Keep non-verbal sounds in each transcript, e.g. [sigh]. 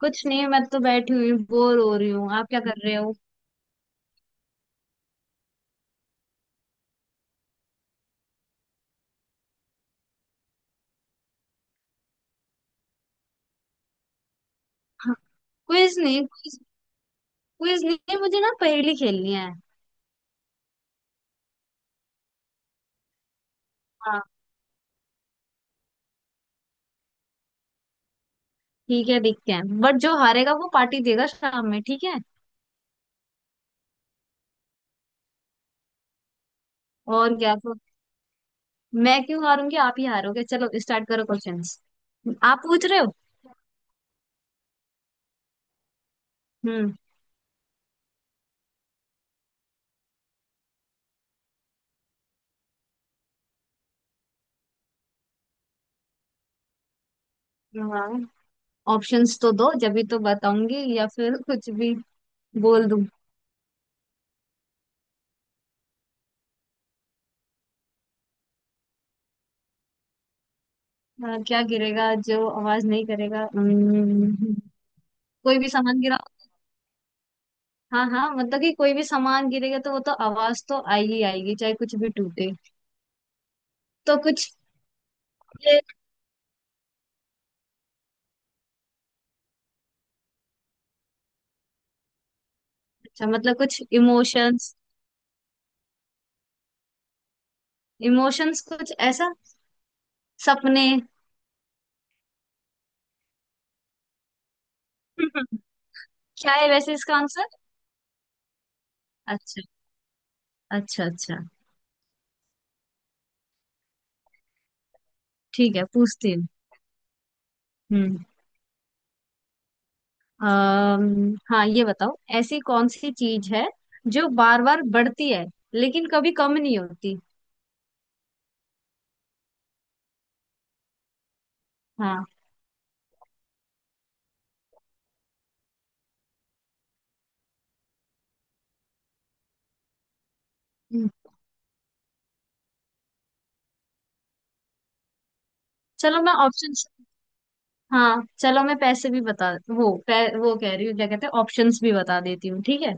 कुछ नहीं। मैं तो बैठी हुई बोर हो रही हूँ। आप क्या कर रहे हो? क्विज नहीं, क्विज। क्विज नहीं, मुझे ना पहेली खेलनी है। हाँ। ठीक है, देखते हैं। बट जो हारेगा वो पार्टी देगा शाम में, ठीक है। और क्या। तो मैं क्यों हारूंगी? आप ही हारोगे। चलो स्टार्ट करो क्वेश्चंस। आप पूछ रहे हो? हम्म। हाँ, ऑप्शंस तो दो। जब भी तो बताऊंगी या फिर कुछ भी बोल दूं। हाँ, क्या गिरेगा जो आवाज नहीं करेगा? कोई भी सामान गिरा। हाँ हाँ, मतलब कि कोई भी सामान गिरेगा तो वो तो आवाज तो आई ही आएगी, चाहे कुछ भी टूटे। तो कुछ ये। अच्छा, मतलब कुछ इमोशंस। इमोशंस, कुछ ऐसा, सपने। [laughs] क्या है वैसे इसका आंसर? अच्छा। अच्छा अच्छा। ठीक है, पूछती हूँ। हम्म हाँ ये बताओ, ऐसी कौन सी चीज है जो बार बार बढ़ती है लेकिन कभी कम नहीं होती? हाँ। हम्म। चलो मैं ऑप्शन। हाँ चलो, मैं पैसे भी बता, वो कह रही हूँ क्या कहते हैं, ऑप्शंस भी बता देती हूँ, ठीक है।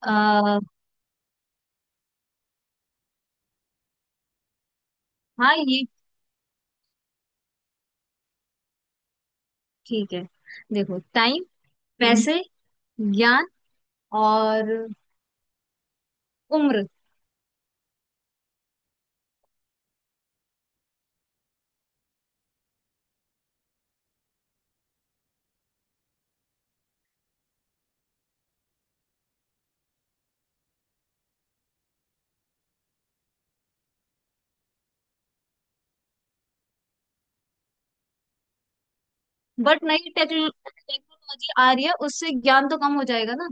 आ, हाँ ये ठीक है। देखो, टाइम, पैसे, ज्ञान, और उम्र। बट नई टेक्नोलॉजी आ रही है, उससे ज्ञान तो कम हो जाएगा ना।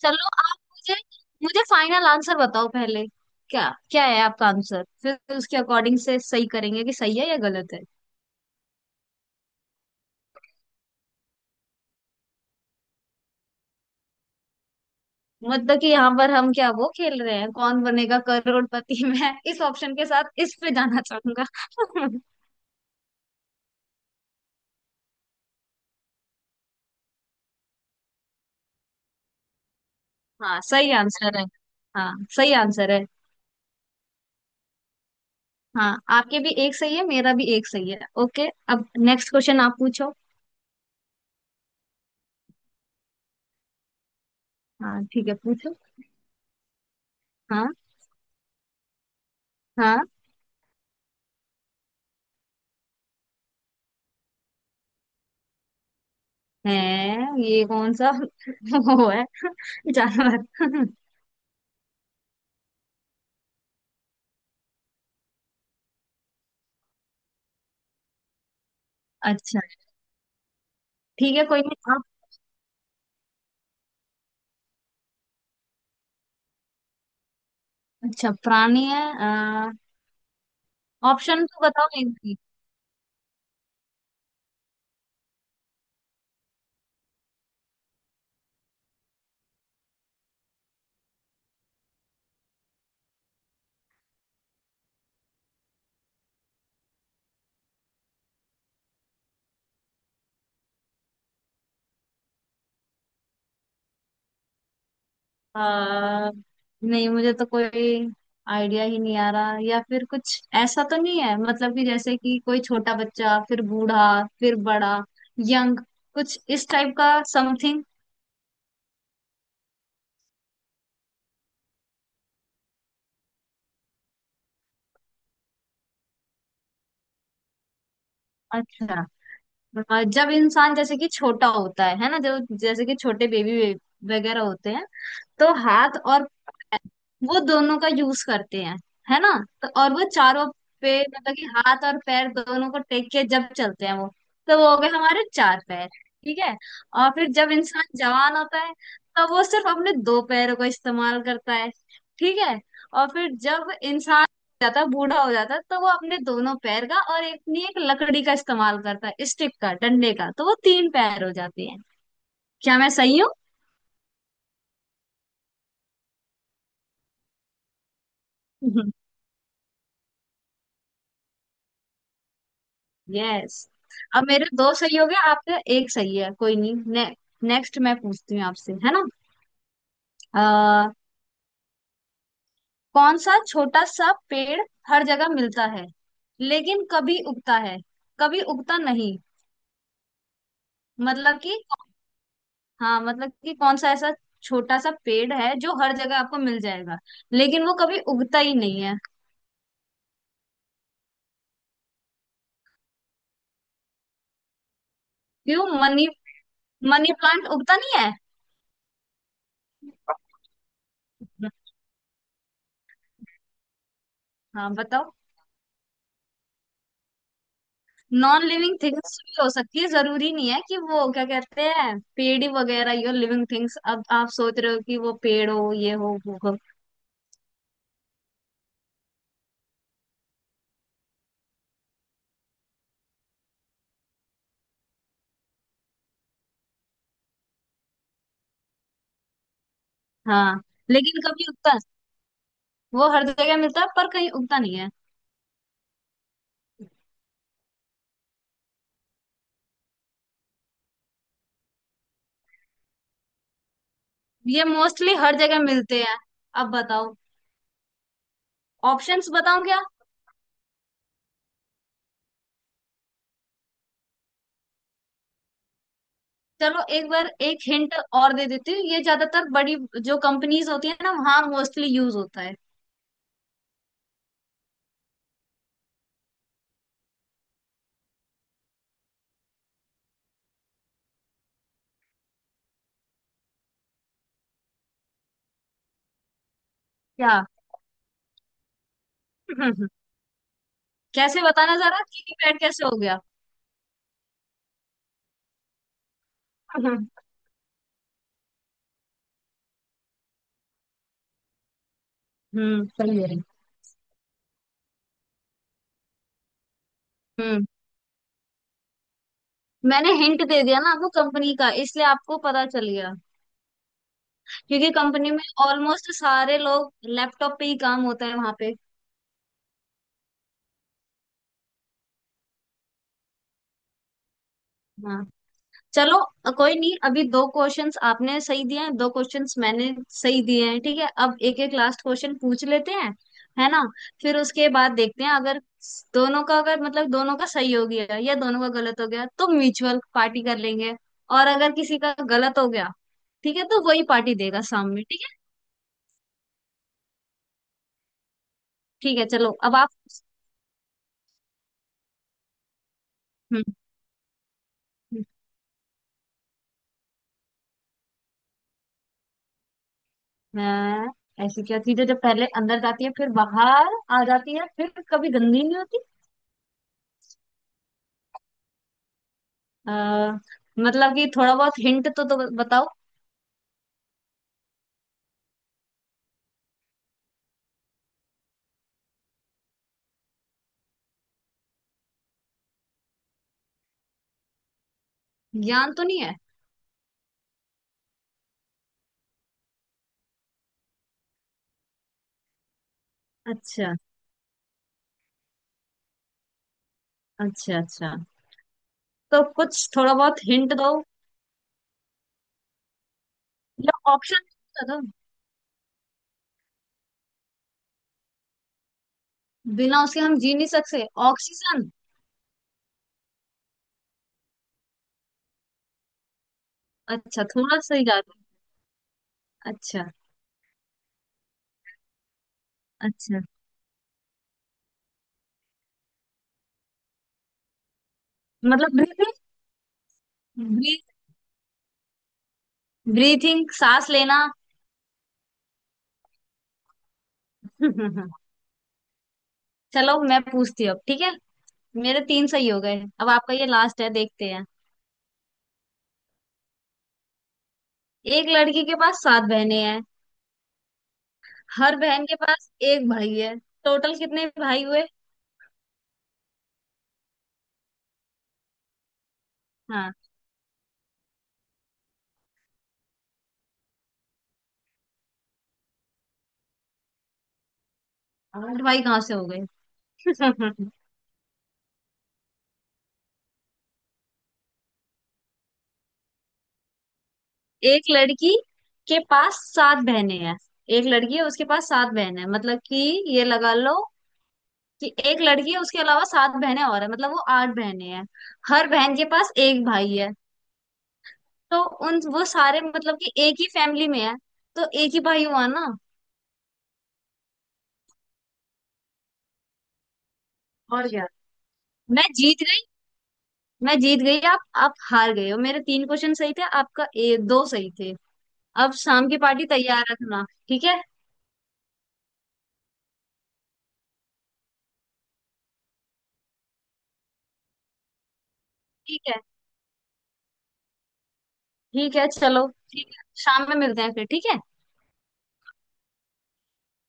चलो आप मुझे, फाइनल आंसर बताओ पहले। क्या क्या है आपका आंसर? फिर उसके अकॉर्डिंग से सही करेंगे कि सही है या गलत है। मतलब कि यहाँ पर हम क्या वो खेल रहे हैं, कौन बनेगा करोड़पति? [laughs] मैं इस ऑप्शन के साथ इस पे जाना चाहूंगा। [laughs] हाँ सही आंसर है। हाँ सही आंसर है। हाँ, आपके भी एक सही है, मेरा भी एक सही है। ओके, अब नेक्स्ट क्वेश्चन आप पूछो। हाँ ठीक है, पूछो। हाँ। हाँ। है। ये कौन सा [laughs] वो है जानवर। [laughs] अच्छा। ठीक है, कोई नहीं। आप। अच्छा प्राणी है। ऑप्शन तो बताओ एक भी। आ, नहीं, मुझे तो कोई आइडिया ही नहीं आ रहा। या फिर कुछ ऐसा तो नहीं है मतलब कि, जैसे कि कोई छोटा बच्चा, फिर बूढ़ा, फिर बड़ा, यंग, कुछ इस टाइप का समथिंग। अच्छा। जब इंसान जैसे कि छोटा होता है ना? जो जैसे कि छोटे बेबी वगैरह होते हैं, तो हाथ और पैर, वो दोनों का यूज करते हैं, है ना? तो और वो चारों पे, मतलब कि हाथ और पैर दोनों को टेक के जब चलते हैं वो, तो वो हो गए हमारे चार पैर, ठीक है। और फिर जब इंसान जवान होता है, तब वो सिर्फ अपने दो पैरों का इस्तेमाल करता है, ठीक है। और फिर जब इंसान हो जाता है, बूढ़ा हो जाता है, तो वो अपने दोनों पैर का और एक अपनी एक लकड़ी का इस्तेमाल करता है, स्टिक का, डंडे का, तो वो तीन पैर हो जाते हैं। क्या मैं सही हूँ? [laughs] यस। अब मेरे दो सही हो गए, आपका एक सही है। कोई नहीं, नेक्स्ट मैं पूछती हूँ आपसे, है ना? आ, कौन सा छोटा सा पेड़ हर जगह मिलता है, लेकिन कभी उगता है कभी उगता नहीं? मतलब कि, हाँ मतलब कि कौन सा ऐसा छोटा सा पेड़ है जो हर जगह आपको मिल जाएगा लेकिन वो कभी उगता ही नहीं है? क्यों मनी? मनी प्लांट उगता नहीं है? हाँ बताओ। नॉन लिविंग थिंग्स भी हो सकती है, जरूरी नहीं है कि वो क्या कहते हैं पेड़ ही वगैरह ही हो, लिविंग थिंग्स। अब आप सोच रहे हो कि वो पेड़ हो, ये हो, वो हो। हाँ लेकिन कभी उगता, वो हर जगह मिलता है पर कहीं उगता नहीं है। ये मोस्टली हर जगह मिलते हैं, अब बताओ। ऑप्शंस बताऊं क्या? चलो एक बार एक हिंट और दे देती हूँ। ये ज्यादातर बड़ी जो कंपनीज होती है ना, वहाँ मोस्टली यूज होता है। क्या? [laughs] कैसे बताना जरा, कीपैड कैसे हो गया? [laughs] हम्म, सही है। हम्म। मैंने हिंट दे दिया ना आपको कंपनी का, इसलिए आपको पता चल गया। क्योंकि कंपनी में ऑलमोस्ट सारे लोग लैपटॉप पे ही काम होता है वहां पे। हाँ। चलो कोई नहीं, अभी दो क्वेश्चंस आपने सही दिए हैं, दो क्वेश्चंस मैंने सही दिए हैं, ठीक है। अब एक एक लास्ट क्वेश्चन पूछ लेते हैं, है ना? फिर उसके बाद देखते हैं, अगर दोनों का, अगर मतलब दोनों का सही हो गया या दोनों का गलत हो गया तो म्यूचुअल पार्टी कर लेंगे। और अगर किसी का गलत हो गया, ठीक है, तो वही पार्टी देगा सामने, ठीक है। ठीक है, चलो अब आप। हम्म हम्म। हाँ। ऐसी क्या चीज है जब पहले अंदर जाती है फिर बाहर आ जाती है फिर कभी गंदी नहीं होती? आ, मतलब कि थोड़ा बहुत हिंट तो बताओ। ज्ञान तो नहीं है? अच्छा अच्छा अच्छा। तो कुछ थोड़ा बहुत हिंट दो या ऑप्शन दो। बिना उसके हम जी नहीं सकते, ऑक्सीजन? अच्छा थोड़ा सही जा रहा है। अच्छा अच्छा, मतलब। ब्रीथिंग। ब्रीथिंग, सांस लेना। [laughs] चलो मैं पूछती हूँ अब, ठीक है? मेरे तीन सही हो गए, अब आपका ये लास्ट है, देखते हैं। एक लड़की के पास सात बहनें हैं। हर बहन के पास एक भाई है। टोटल कितने भाई हुए? हाँ, आठ भाई कहाँ से हो गए? [laughs] एक लड़की के पास सात बहनें हैं। एक लड़की है, उसके पास सात बहनें हैं, मतलब कि, ये लगा लो कि एक लड़की है, उसके अलावा सात बहनें और है, मतलब वो आठ बहनें हैं। हर बहन के पास एक भाई है, तो उन वो सारे मतलब कि एक ही फैमिली में है, तो एक ही भाई हुआ ना। और क्या। मैं जीत मैं जीत गई। आप हार गए हो। मेरे तीन क्वेश्चन सही थे, आपका दो सही थे। अब शाम की पार्टी तैयार रखना, ठीक है? ठीक है। ठीक है चलो, ठीक है, शाम में मिलते हैं फिर, ठीक है।